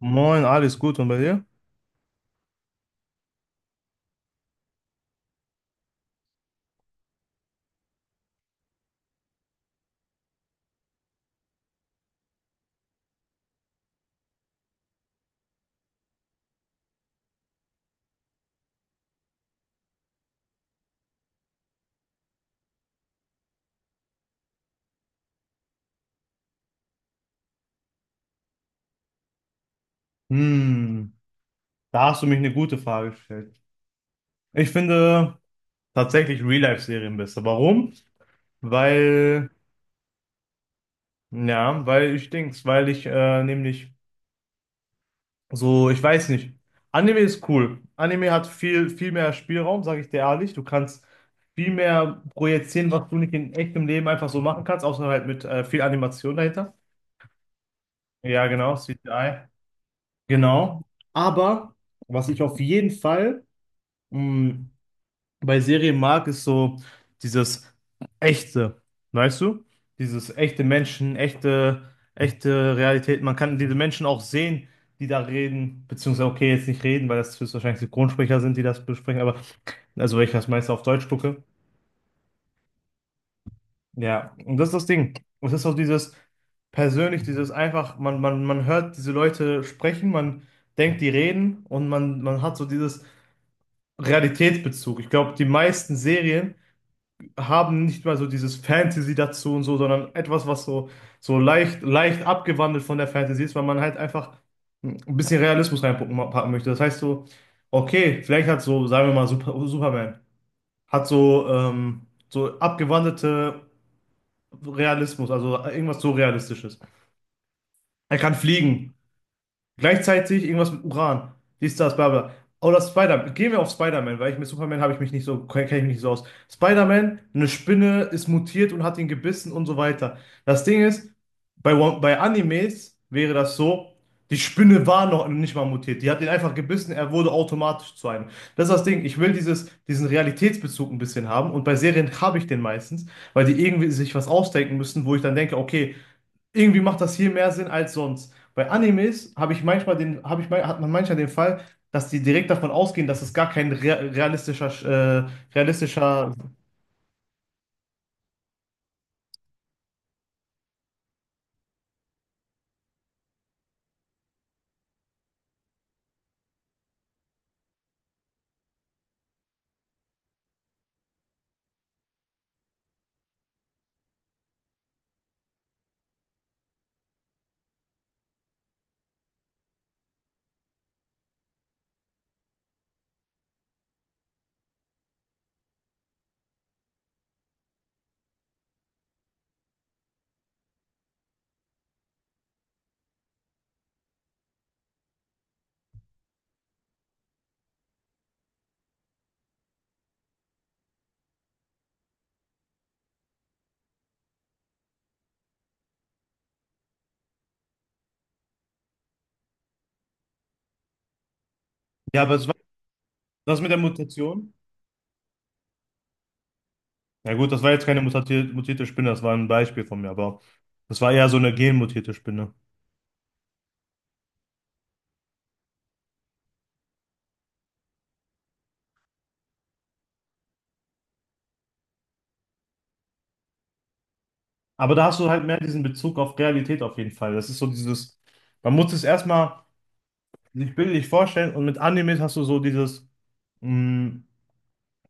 Moin, alles gut und bei dir? Hm, da hast du mich eine gute Frage gestellt. Ich finde tatsächlich Real-Life-Serien besser. Warum? Weil, ja, weil ich denk's, weil ich nämlich so, ich weiß nicht. Anime ist cool. Anime hat viel, viel mehr Spielraum, sage ich dir ehrlich. Du kannst viel mehr projizieren, was du nicht in echtem Leben einfach so machen kannst, außer halt mit viel Animation dahinter. Ja, genau, CGI. Genau. Aber was ich auf jeden Fall, mh, bei Serien mag, ist so dieses Echte, weißt du? Dieses echte Menschen, echte, echte Realität. Man kann diese Menschen auch sehen, die da reden, beziehungsweise, okay, jetzt nicht reden, weil das höchstwahrscheinlich Synchronsprecher sind, die das besprechen, aber also weil ich das meiste auf Deutsch gucke. Ja, und das ist das Ding. Und das ist auch dieses persönlich, dieses einfach, man hört diese Leute sprechen, man denkt, die reden und man hat so dieses Realitätsbezug. Ich glaube, die meisten Serien haben nicht mal so dieses Fantasy dazu und so, sondern etwas, was so, so leicht, leicht abgewandelt von der Fantasy ist, weil man halt einfach ein bisschen Realismus reinpacken packen möchte. Das heißt so, okay, vielleicht hat so, sagen wir mal, Super, Superman, hat so, so abgewandelte Realismus, also irgendwas so Realistisches. Er kann fliegen. Gleichzeitig irgendwas mit Uran. Dies, das, bla bla. Oder Spider-Man. Gehen wir auf Spider-Man, weil ich mit Superman habe ich mich nicht so, kenne ich mich nicht so aus. Spider-Man, eine Spinne ist mutiert und hat ihn gebissen und so weiter. Das Ding ist, bei, One- bei Animes wäre das so, die Spinne war noch nicht mal mutiert. Die hat ihn einfach gebissen, er wurde automatisch zu einem. Das ist das Ding. Ich will dieses, diesen Realitätsbezug ein bisschen haben und bei Serien habe ich den meistens, weil die irgendwie sich was ausdenken müssen, wo ich dann denke, okay, irgendwie macht das hier mehr Sinn als sonst. Bei Animes habe ich manchmal den, habe ich, mein- hat man manchmal den Fall, dass die direkt davon ausgehen, dass es gar kein rea- realistischer, realistischer, ja, aber es war das mit der Mutation. Ja gut, das war jetzt keine mutati- mutierte Spinne, das war ein Beispiel von mir, aber das war eher so eine genmutierte Spinne. Aber da hast du halt mehr diesen Bezug auf Realität auf jeden Fall. Das ist so dieses, man muss es erstmal sich bildlich vorstellen und mit Animes hast du so dieses, mm,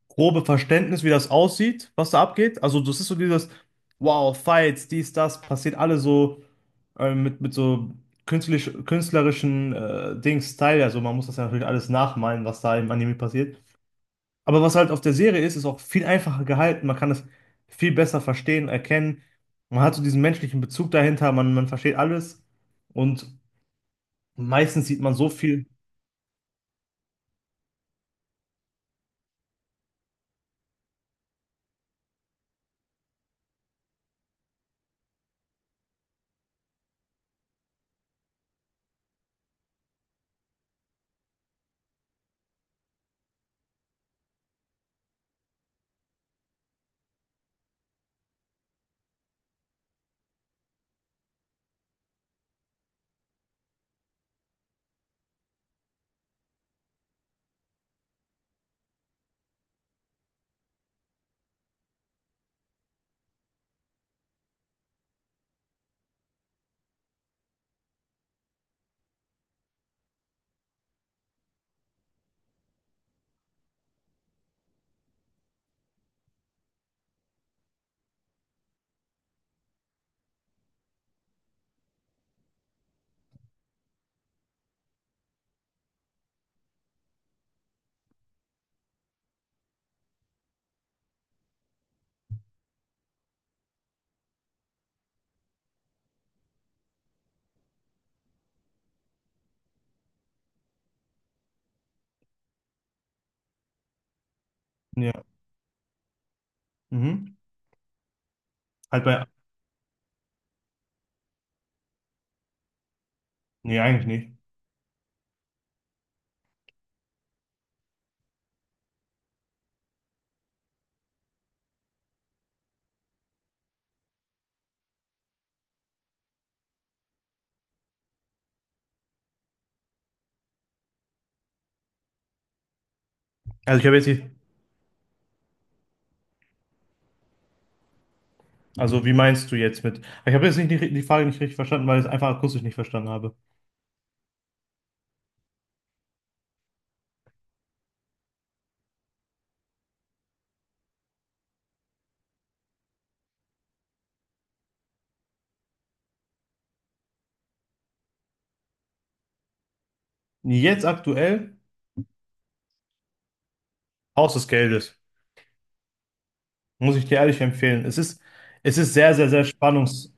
grobe Verständnis, wie das aussieht, was da abgeht. Also das ist so dieses, wow, Fights, dies, das, passiert alle so mit so künstlich, künstlerischen Dings Style. Also man muss das ja natürlich alles nachmalen, was da im Anime passiert. Aber was halt auf der Serie ist, ist auch viel einfacher gehalten. Man kann es viel besser verstehen, erkennen. Man hat so diesen menschlichen Bezug dahinter, man versteht alles. Und meistens sieht man so viel. Ja. Mhm. Halt bei. Nee, eigentlich nicht. Also ich habe jetzt nicht. Also, wie meinst du jetzt mit? Ich habe jetzt nicht die, die Frage nicht richtig verstanden, weil ich es einfach akustisch nicht verstanden habe. Jetzt aktuell Haus des Geldes. Muss ich dir ehrlich empfehlen. Es ist sehr, sehr, sehr spannungs.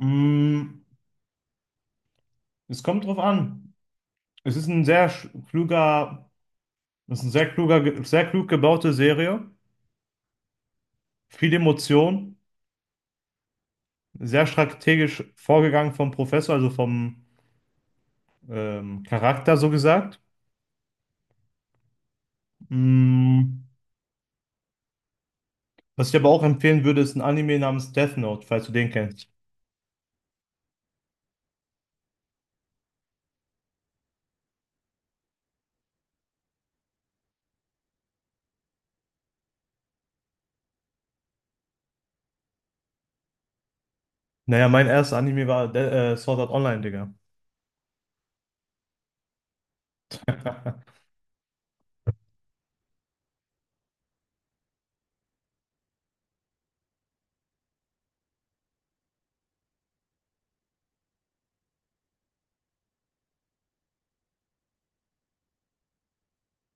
Mm, es kommt drauf an. Es ist ein sehr sch- kluger, es ist ein sehr kluger, ge- sehr klug gebaute Serie. Viel Emotion, sehr strategisch vorgegangen vom Professor, also vom Charakter so gesagt. Mm, was ich aber auch empfehlen würde, ist ein Anime namens Death Note, falls du den kennst. Naja, mein erster Anime war Sword Art Online, Digga.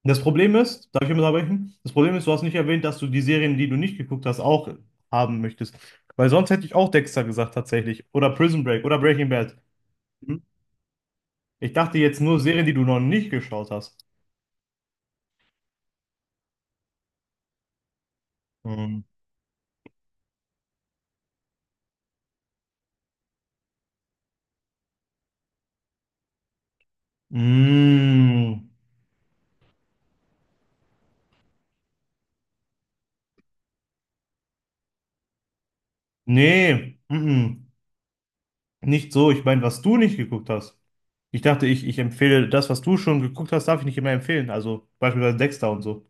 Das Problem ist, darf ich mal unterbrechen? Das Problem ist, du hast nicht erwähnt, dass du die Serien, die du nicht geguckt hast, auch haben möchtest. Weil sonst hätte ich auch Dexter gesagt, tatsächlich. Oder Prison Break oder Breaking Bad. Mhm. Ich dachte jetzt nur Serien, die du noch nicht geschaut hast. Mhm. Mm, nee, mm. Nicht so. Ich meine, was du nicht geguckt hast. Ich dachte, ich empfehle das, was du schon geguckt hast, darf ich nicht immer empfehlen. Also beispielsweise Dexter und so.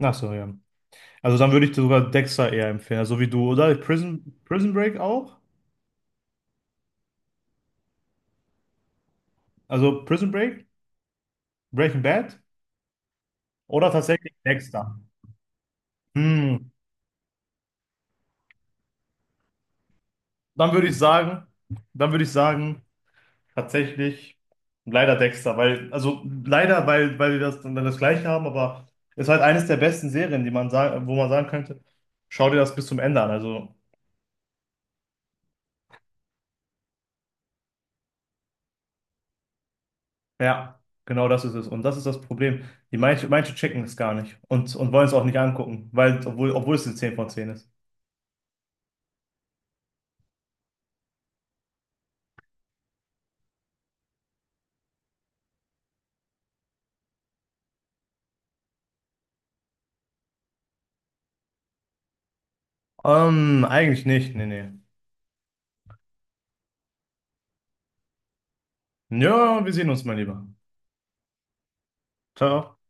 Ach so, ja. Also dann würde ich dir sogar Dexter eher empfehlen, so wie du, oder? Prison Break auch? Also Prison Break, Breaking Bad oder tatsächlich Dexter? Hm, dann würde ich sagen, dann würde ich sagen, tatsächlich leider Dexter, weil, also leider, weil, weil wir das dann das Gleiche haben, aber ist halt eines der besten Serien, die man sagen, wo man sagen könnte, schau dir das bis zum Ende an. Also, ja, genau das ist es. Und das ist das Problem. Die manche, manche checken es gar nicht und wollen es auch nicht angucken, weil, obwohl, obwohl es eine 10 von 10 ist. Eigentlich nicht, nee, nee. Ja, wir sehen uns mein lieber. Ciao.